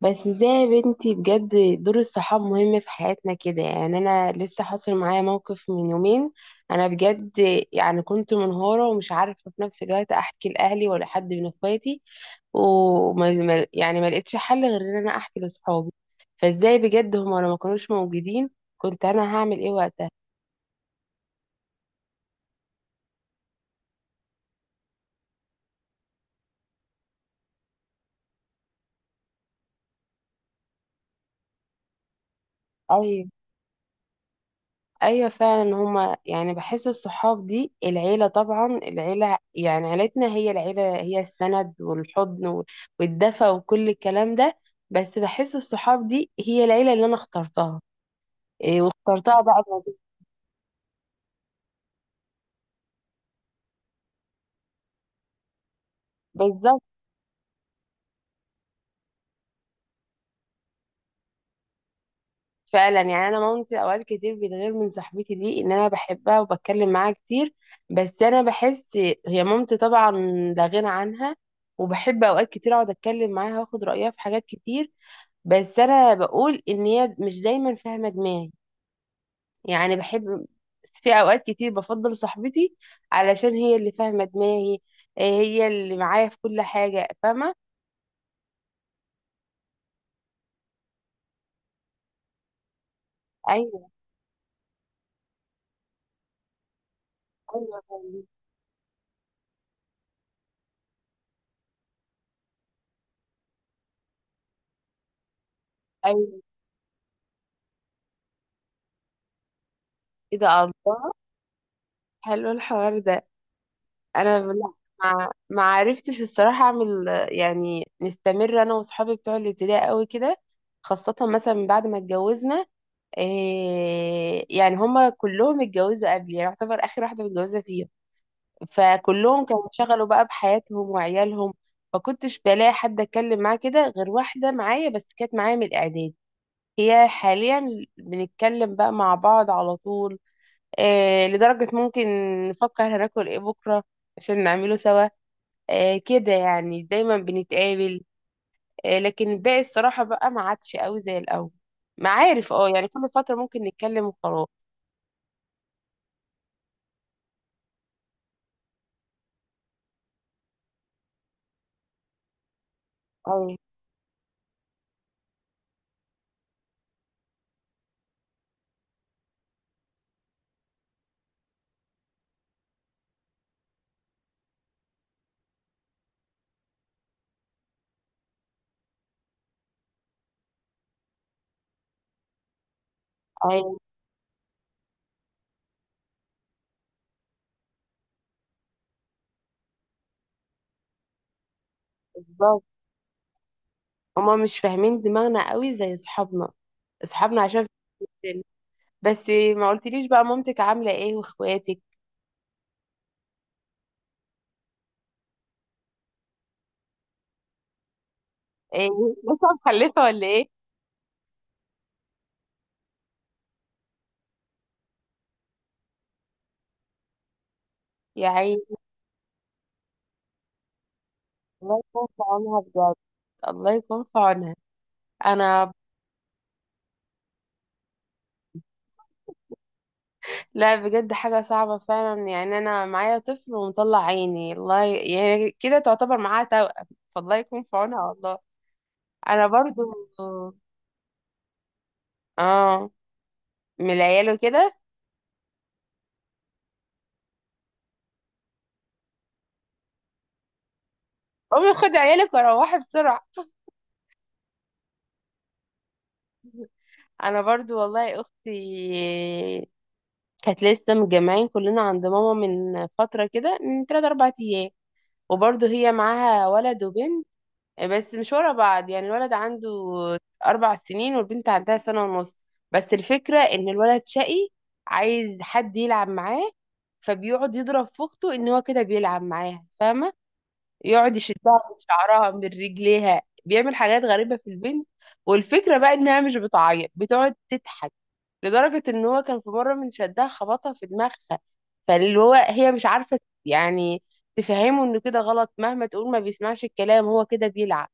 بس ازاي يا بنتي بجد. دور الصحاب مهم في حياتنا كده، يعني انا لسه حاصل معايا موقف من يومين. انا بجد يعني كنت منهارة ومش عارفة في نفس الوقت احكي لاهلي ولا حد من اخواتي، وما ما- يعني ما لقيتش حل غير ان انا احكي لاصحابي. فازاي بجد هما لو ما كانوش موجودين، كنت انا هعمل ايه وقتها؟ أيوة. ايوه فعلا هما، يعني بحس الصحاب دي العيله، طبعا العيله يعني عيلتنا هي العيله، هي السند والحضن والدفى وكل الكلام ده. بس بحس الصحاب دي هي العيله اللي انا اخترتها. إيه، واخترتها بقى بالظبط. فعلا يعني انا مامتي اوقات كتير بتغير من صاحبتي دي، ان انا بحبها وبتكلم معاها كتير. بس انا بحس، هي مامتي طبعا لا غنى عنها، وبحب اوقات كتير اقعد اتكلم معاها واخد رايها في حاجات كتير. بس انا بقول ان هي مش دايما فاهمه دماغي. يعني بحب في اوقات كتير بفضل صاحبتي علشان هي اللي فاهمه دماغي. إيه، هي اللي معايا في كل حاجه، فاهمه. ايوه، ايوه فاهمة. ايوه كده، الله. حلو الحوار ده. انا لا، ما عرفتش الصراحه اعمل يعني نستمر انا واصحابي بتوع الابتدائي قوي كده، خاصه مثلا من بعد ما اتجوزنا. إيه، يعني هما كلهم اتجوزوا قبلي، يعني يعتبر اخر واحده متجوزه فيهم. فكلهم كانوا انشغلوا بقى بحياتهم وعيالهم، فكنتش بلاقي حد اتكلم معاه كده غير واحده معايا بس كانت معايا من الاعداد. هي حاليا بنتكلم بقى مع بعض على طول. آه، لدرجه ممكن نفكر هناكل ايه بكره عشان نعمله سوا. آه، كده يعني دايما بنتقابل. آه، لكن الباقي الصراحه بقى ما عادش قوي زي الاول. معارف، اه يعني كل فتره ممكن نتكلم وخلاص. ايوه. ايوه بالظبط، هما مش فاهمين دماغنا قوي زي اصحابنا، اصحابنا عشان. بس ما قلتليش بقى مامتك عاملة ايه واخواتك؟ ايه، لسه مخلفة ولا ايه؟ يا عيني. الله يكون في عونها بجد، الله يكون في عونها. انا لا، بجد حاجة صعبة فعلا، يعني انا معايا طفل ومطلع عيني، يعني كده تعتبر معاها توأم، فالله يكون في عونها والله. انا برضو، اه، من العيال وكده. امي، خدي عيالك وروحي بسرعة. انا برضو والله اختي، كانت لسه متجمعين كلنا عند ماما من فترة كده من تلات أربع أيام، وبرضه هي معاها ولد وبنت بس مش ورا بعض. يعني الولد عنده أربع سنين والبنت عندها سنة ونص. بس الفكرة إن الولد شقي، عايز حد يلعب معاه، فبيقعد يضرب في أخته، إن هو كده بيلعب معاها، فاهمة؟ يقعد يشدها من شعرها من رجليها، بيعمل حاجات غريبة في البنت. والفكرة بقى انها مش بتعيط، بتقعد تضحك، لدرجة ان هو كان في مرة من شدها خبطها في دماغها. فاللي هو هي مش عارفة يعني تفهمه انه كده غلط. مهما تقول ما بيسمعش الكلام، هو كده بيلعب.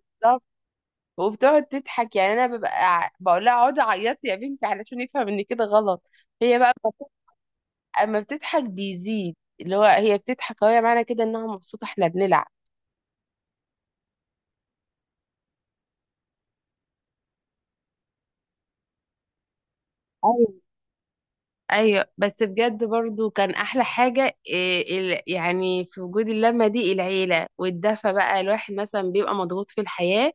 بالظبط. وبتقعد تضحك، يعني انا ببقى بقول لها اقعدي عيطي يا بنتي علشان يفهم ان كده غلط. هي بقى اما بتضحك بيزيد، اللي هو هي بتضحك، اهو معنى كده انها مبسوطه احنا بنلعب. ايوه بس بجد برضو كان احلى حاجه إيه يعني في وجود اللمه دي، العيله والدفى بقى، الواحد مثلا بيبقى مضغوط في الحياه.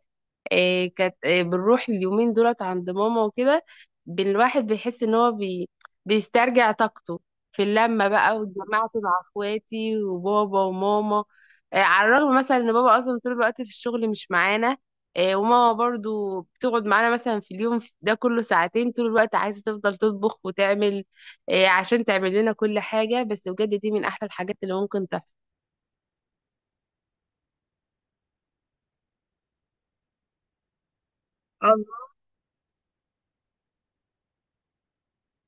إيه كانت إيه، بنروح اليومين دولت عند ماما وكده، الواحد بيحس ان هو بيسترجع طاقته في اللمة بقى، واتجمعت مع اخواتي وبابا وماما. إيه، على الرغم مثلا ان بابا اصلا طول الوقت في الشغل مش معانا. إيه، وماما برضو بتقعد معانا مثلا في اليوم ده كله ساعتين، طول الوقت عايزة تفضل تطبخ وتعمل. إيه عشان تعمل لنا كل حاجة. بس بجد دي من احلى الحاجات اللي ممكن تحصل.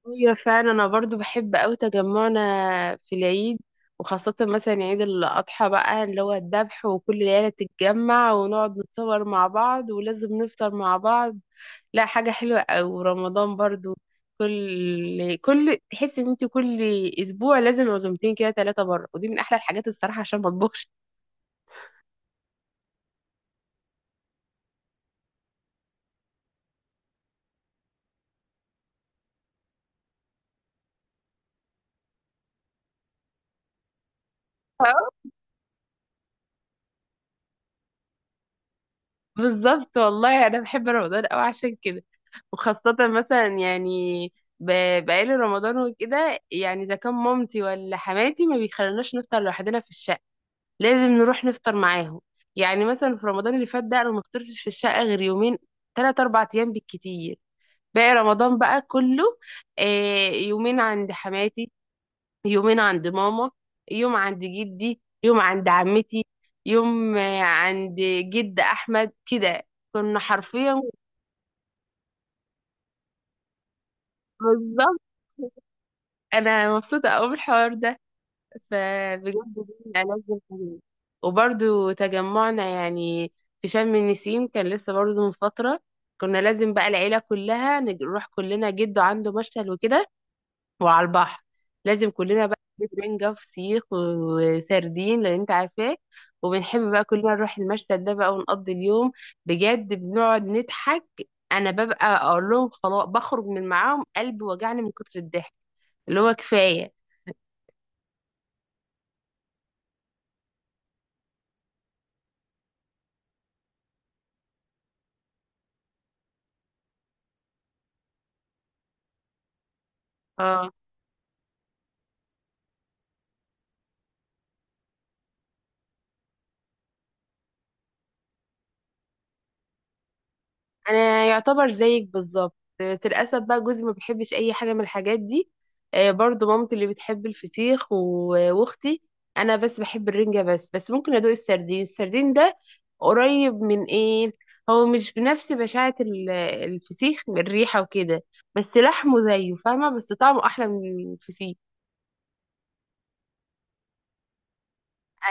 ايوه فعلا، انا برضو بحب قوي تجمعنا في العيد، وخاصة مثلا عيد الأضحى بقى اللي هو الذبح، وكل العيلة تتجمع ونقعد نتصور مع بعض ولازم نفطر مع بعض. لا حاجة حلوة أوي. ورمضان برضو، كل تحس ان انت كل اسبوع لازم عزومتين كده، ثلاثة بره، ودي من احلى الحاجات الصراحة عشان ما اطبخش. بالظبط، والله انا بحب رمضان قوي عشان كده. وخاصة مثلا يعني بقالي رمضان وكده يعني، اذا كان مامتي ولا حماتي ما بيخلوناش نفطر لوحدنا في الشقة، لازم نروح نفطر معاهم. يعني مثلا في رمضان اللي فات ده انا ما فطرتش في الشقة غير يومين، تلات اربع ايام بالكتير. باقي رمضان بقى كله، آه، يومين عند حماتي، يومين عند ماما، يوم عند جدي، يوم عند عمتي، يوم عند جد احمد كده، كنا حرفيا. بالظبط. انا مبسوطه قوي بالحوار ده. فبجد دي ألذ الحاجات. وبرضو تجمعنا يعني في شم النسيم كان لسه برضو من فتره، كنا لازم بقى العيله كلها نروح كلنا جده، عنده مشتل وكده، وعلى البحر. لازم كلنا بقى نجيب رنجة وفسيخ وسردين، لان انت عارفاه. وبنحب بقى كلنا نروح المشهد ده بقى ونقضي اليوم. بجد بنقعد نضحك، انا ببقى اقول لهم خلاص بخرج من معاهم، قلبي وجعني من كتر الضحك، اللي هو كفاية. اه. انا يعتبر زيك بالظبط، بس للاسف بقى جوزي ما بيحبش اي حاجه من الحاجات دي. آه، برضو مامتي اللي بتحب الفسيخ واختي. انا بس بحب الرنجه بس ممكن ادوق السردين. السردين ده قريب من ايه، هو مش بنفس بشاعه الفسيخ من الريحه وكده. بس لحمه زيه، فاهمه؟ بس طعمه احلى من الفسيخ.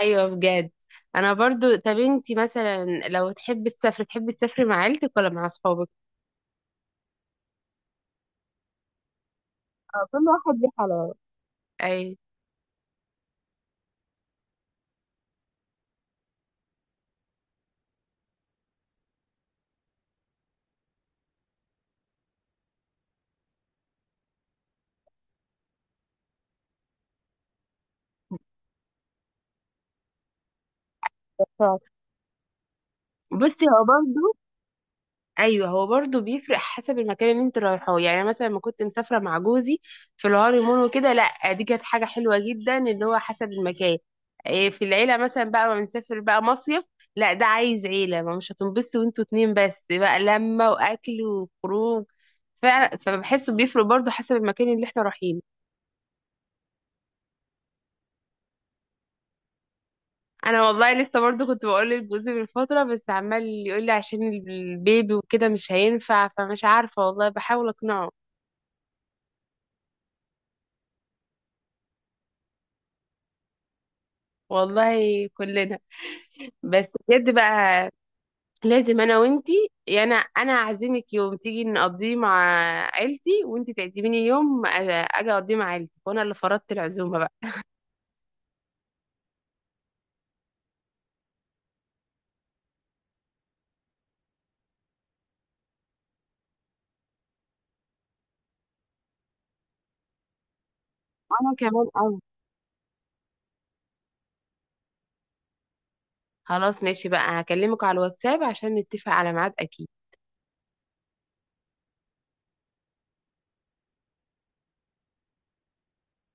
ايوه بجد. انا برضو، طب انتي مثلا لو تحبي تسافري، تحبي تسافري مع عيلتك ولا مع اصحابك؟ اه كل واحد ليه حلاوة. اي. بصي هو برضو، ايوه هو برضو بيفرق حسب المكان اللي انت رايحاه. يعني أنا مثلا لما كنت مسافره مع جوزي في الهانيمون وكده، لا دي كانت حاجه حلوه جدا، اللي هو حسب المكان. إيه، في العيله مثلا بقى ما بنسافر بقى مصيف، لا ده عايز عيله، ما مش هتنبسطوا وانتوا اتنين بس بقى، لمه واكل وخروج. فعلا، فبحسه بيفرق برضو حسب المكان اللي احنا رايحينه. انا والله لسه برضو كنت بقول لجوزي من فتره، بس عمال يقول لي عشان البيبي وكده مش هينفع، فمش عارفه والله، بحاول اقنعه. والله كلنا. بس بجد بقى لازم انا وانتي، يا انا اعزمك يوم تيجي نقضيه مع عيلتي، وانتي تعزميني يوم اجي اقضيه مع عيلتي، وانا اللي فرضت العزومه بقى. وانا كمان قوي. خلاص ماشي بقى، هكلمك على الواتساب عشان نتفق على ميعاد اكيد.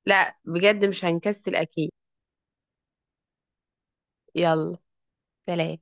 لا بجد مش هنكسل اكيد. يلا، سلام.